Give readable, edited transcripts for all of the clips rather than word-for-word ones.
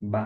Va.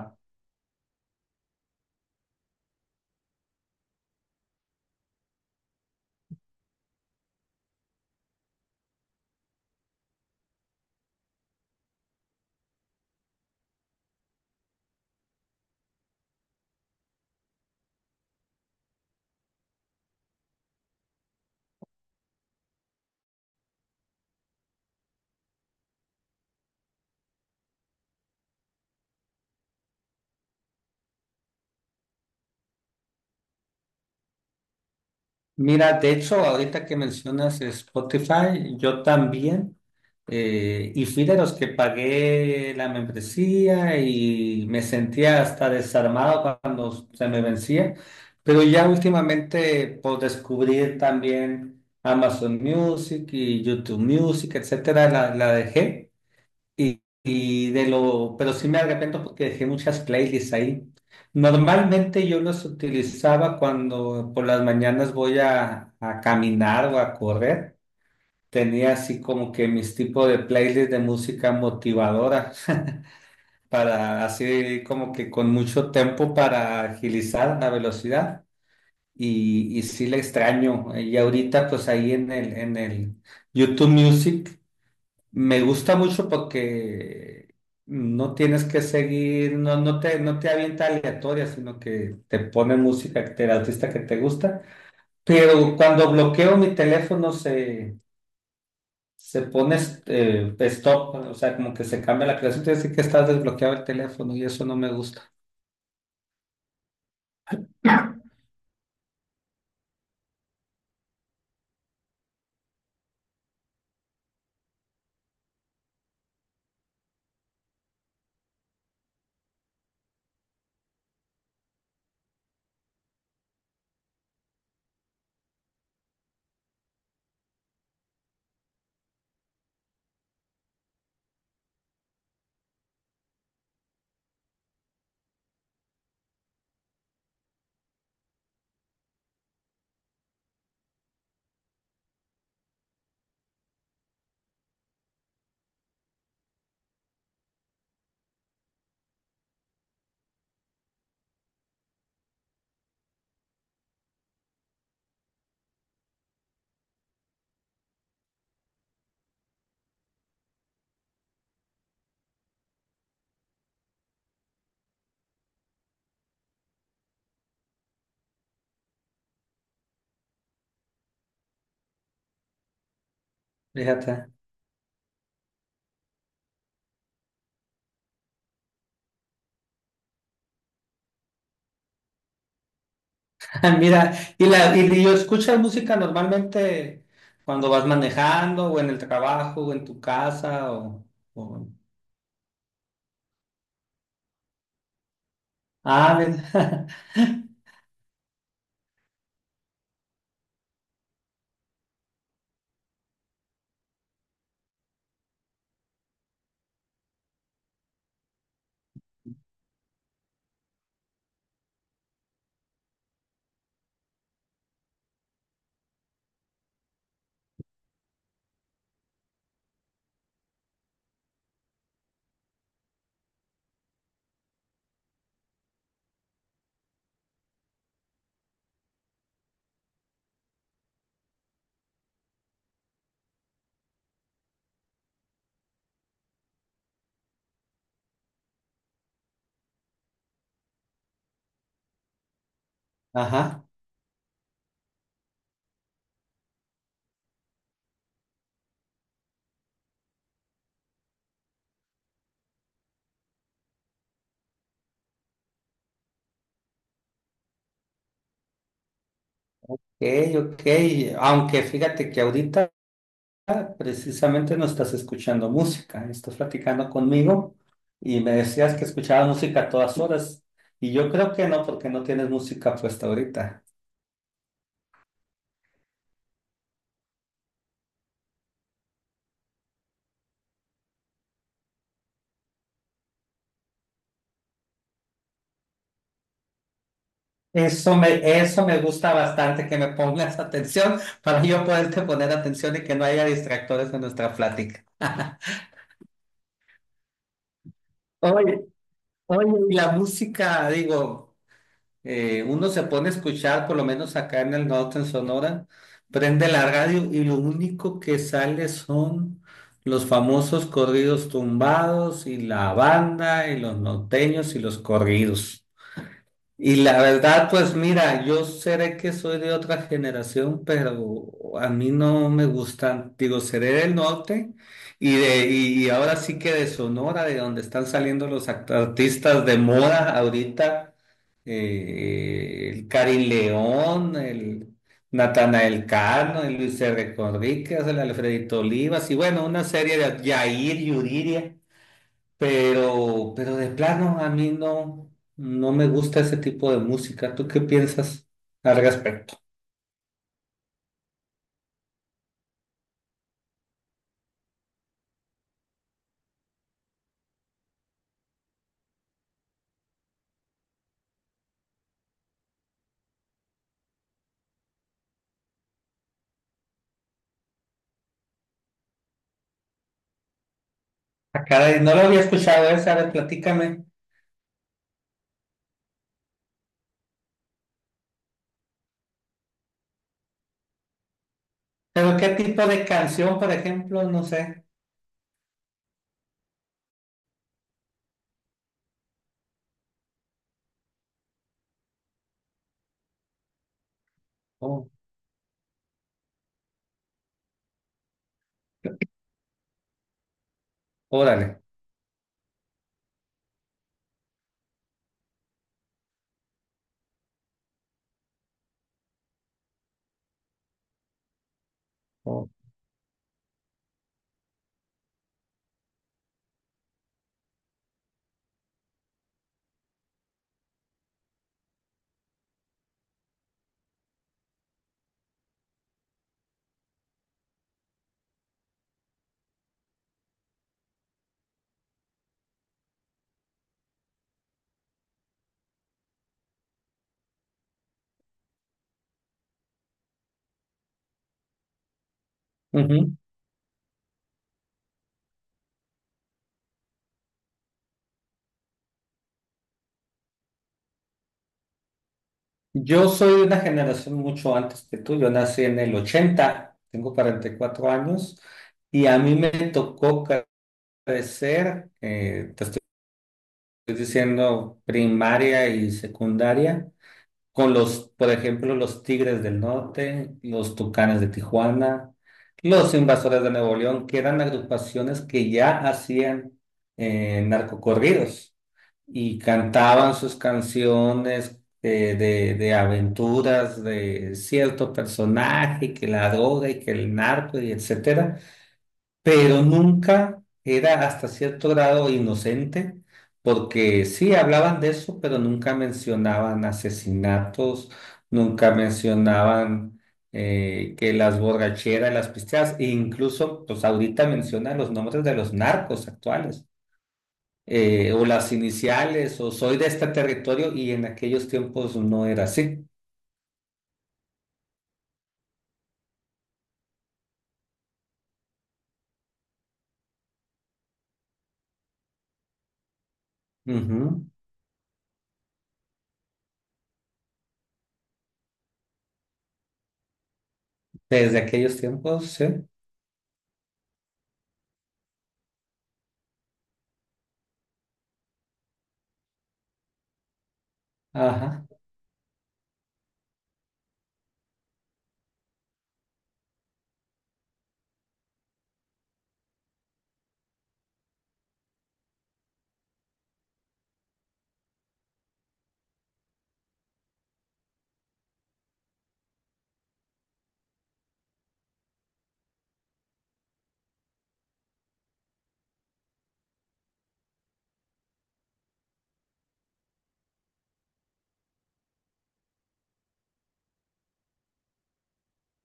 Mira, de hecho, ahorita que mencionas Spotify, yo también, y fui de los que pagué la membresía y me sentía hasta desarmado cuando se me vencía, pero ya últimamente por descubrir también Amazon Music y YouTube Music, etcétera, la dejé. Pero sí me arrepiento porque dejé muchas playlists ahí. Normalmente yo las utilizaba cuando por las mañanas voy a caminar o a correr. Tenía así como que mis tipos de playlists de música motivadora para así como que con mucho tiempo para agilizar la velocidad. Y sí la extraño. Y ahorita pues ahí en el YouTube Music me gusta mucho porque no tienes que seguir, no, no te avienta aleatoria, sino que te pone música que te- el artista que te gusta. Pero cuando bloqueo mi teléfono se pone stop, o sea, como que se cambia la creación, te dice que estás desbloqueado el teléfono y eso no me gusta. Fíjate. Ah, mira, y, la, y yo escucho música normalmente cuando vas manejando o en el trabajo o en tu casa o- Ah, mira. Ajá. Ok. Ok. Aunque fíjate que ahorita precisamente no estás escuchando música, estás platicando conmigo y me decías que escuchabas música a todas horas y yo creo que no porque no tienes música puesta ahorita. Eso me, Eso me gusta bastante, que me pongas atención para yo poderte poner atención y que no haya distractores en nuestra plática. Oye, Oye, y la música, digo. Uno se pone a escuchar, por lo menos acá en el norte, en Sonora, prende la radio y lo único que sale son los famosos corridos tumbados y la banda y los norteños y los corridos. Y la verdad, pues mira, yo seré que soy de otra generación, pero a mí no me gustan. Digo, seré del norte y ahora sí que de Sonora, de donde están saliendo los act- artistas de moda ahorita, el Karim León, el Natanael Cano, el Luis R. Conríquez, el Alfredito Olivas y bueno, una serie de Yair y Yuriria. Pero de plano, a mí no, no me gusta ese tipo de música. ¿Tú qué piensas al respecto? Ah, caray, no lo había escuchado esa, a ver, platícame. Pero qué tipo de canción, por ejemplo, no sé. Oh, órale. Oh, ujú. Yo soy de una generación mucho antes que tú. Yo nací en el 80. Tengo 44 años y a mí me tocó crecer, te estoy diciendo, primaria y secundaria con los, por ejemplo, los Tigres del Norte, los Tucanes de Tijuana, los Invasores de Nuevo León, que eran agrupaciones que ya hacían narcocorridos y cantaban sus canciones de aventuras de cierto personaje, que la droga y que el narco y etcétera, pero nunca era hasta cierto grado inocente, porque sí hablaban de eso, pero nunca mencionaban asesinatos, nunca mencionaban que las borracheras, las pisteadas, e incluso, pues ahorita mencionan los nombres de los narcos actuales. Eh, o las iniciales, o soy de este territorio, y en aquellos tiempos no era así. Ujú. Desde aquellos tiempos, sí. Ajá.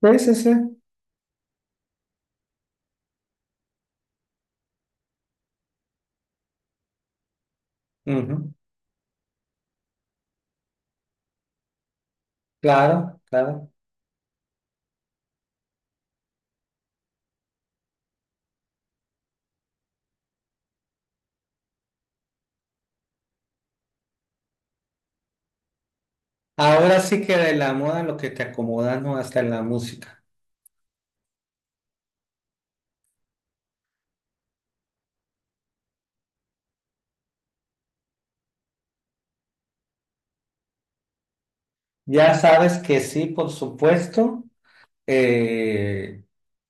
Sí, sí, sí. Ujú. Claro, claro. Ahora sí que de la moda lo que te acomoda, ¿no? Hasta en la música. Ya sabes que sí, por supuesto. Eh,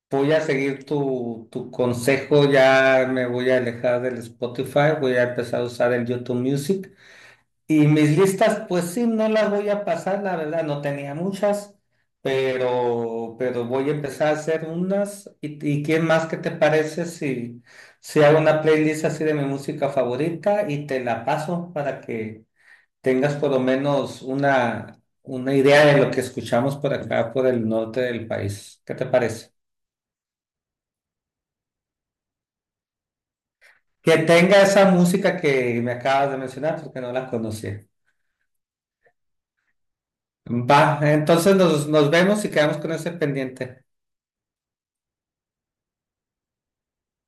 voy a seguir tu consejo, ya me voy a alejar del Spotify, voy a empezar a usar el YouTube Music. Y mis listas, pues sí, no las voy a pasar, la verdad, no tenía muchas, pero voy a empezar a hacer unas. Y qué más que te parece si, si hago una playlist así de mi música favorita y te la paso para que tengas por lo menos una idea de lo que escuchamos por acá, por el norte del país? ¿Qué te parece? Que tenga esa música que me acabas de mencionar porque no la conocía. Va, entonces nos vemos y quedamos con ese pendiente.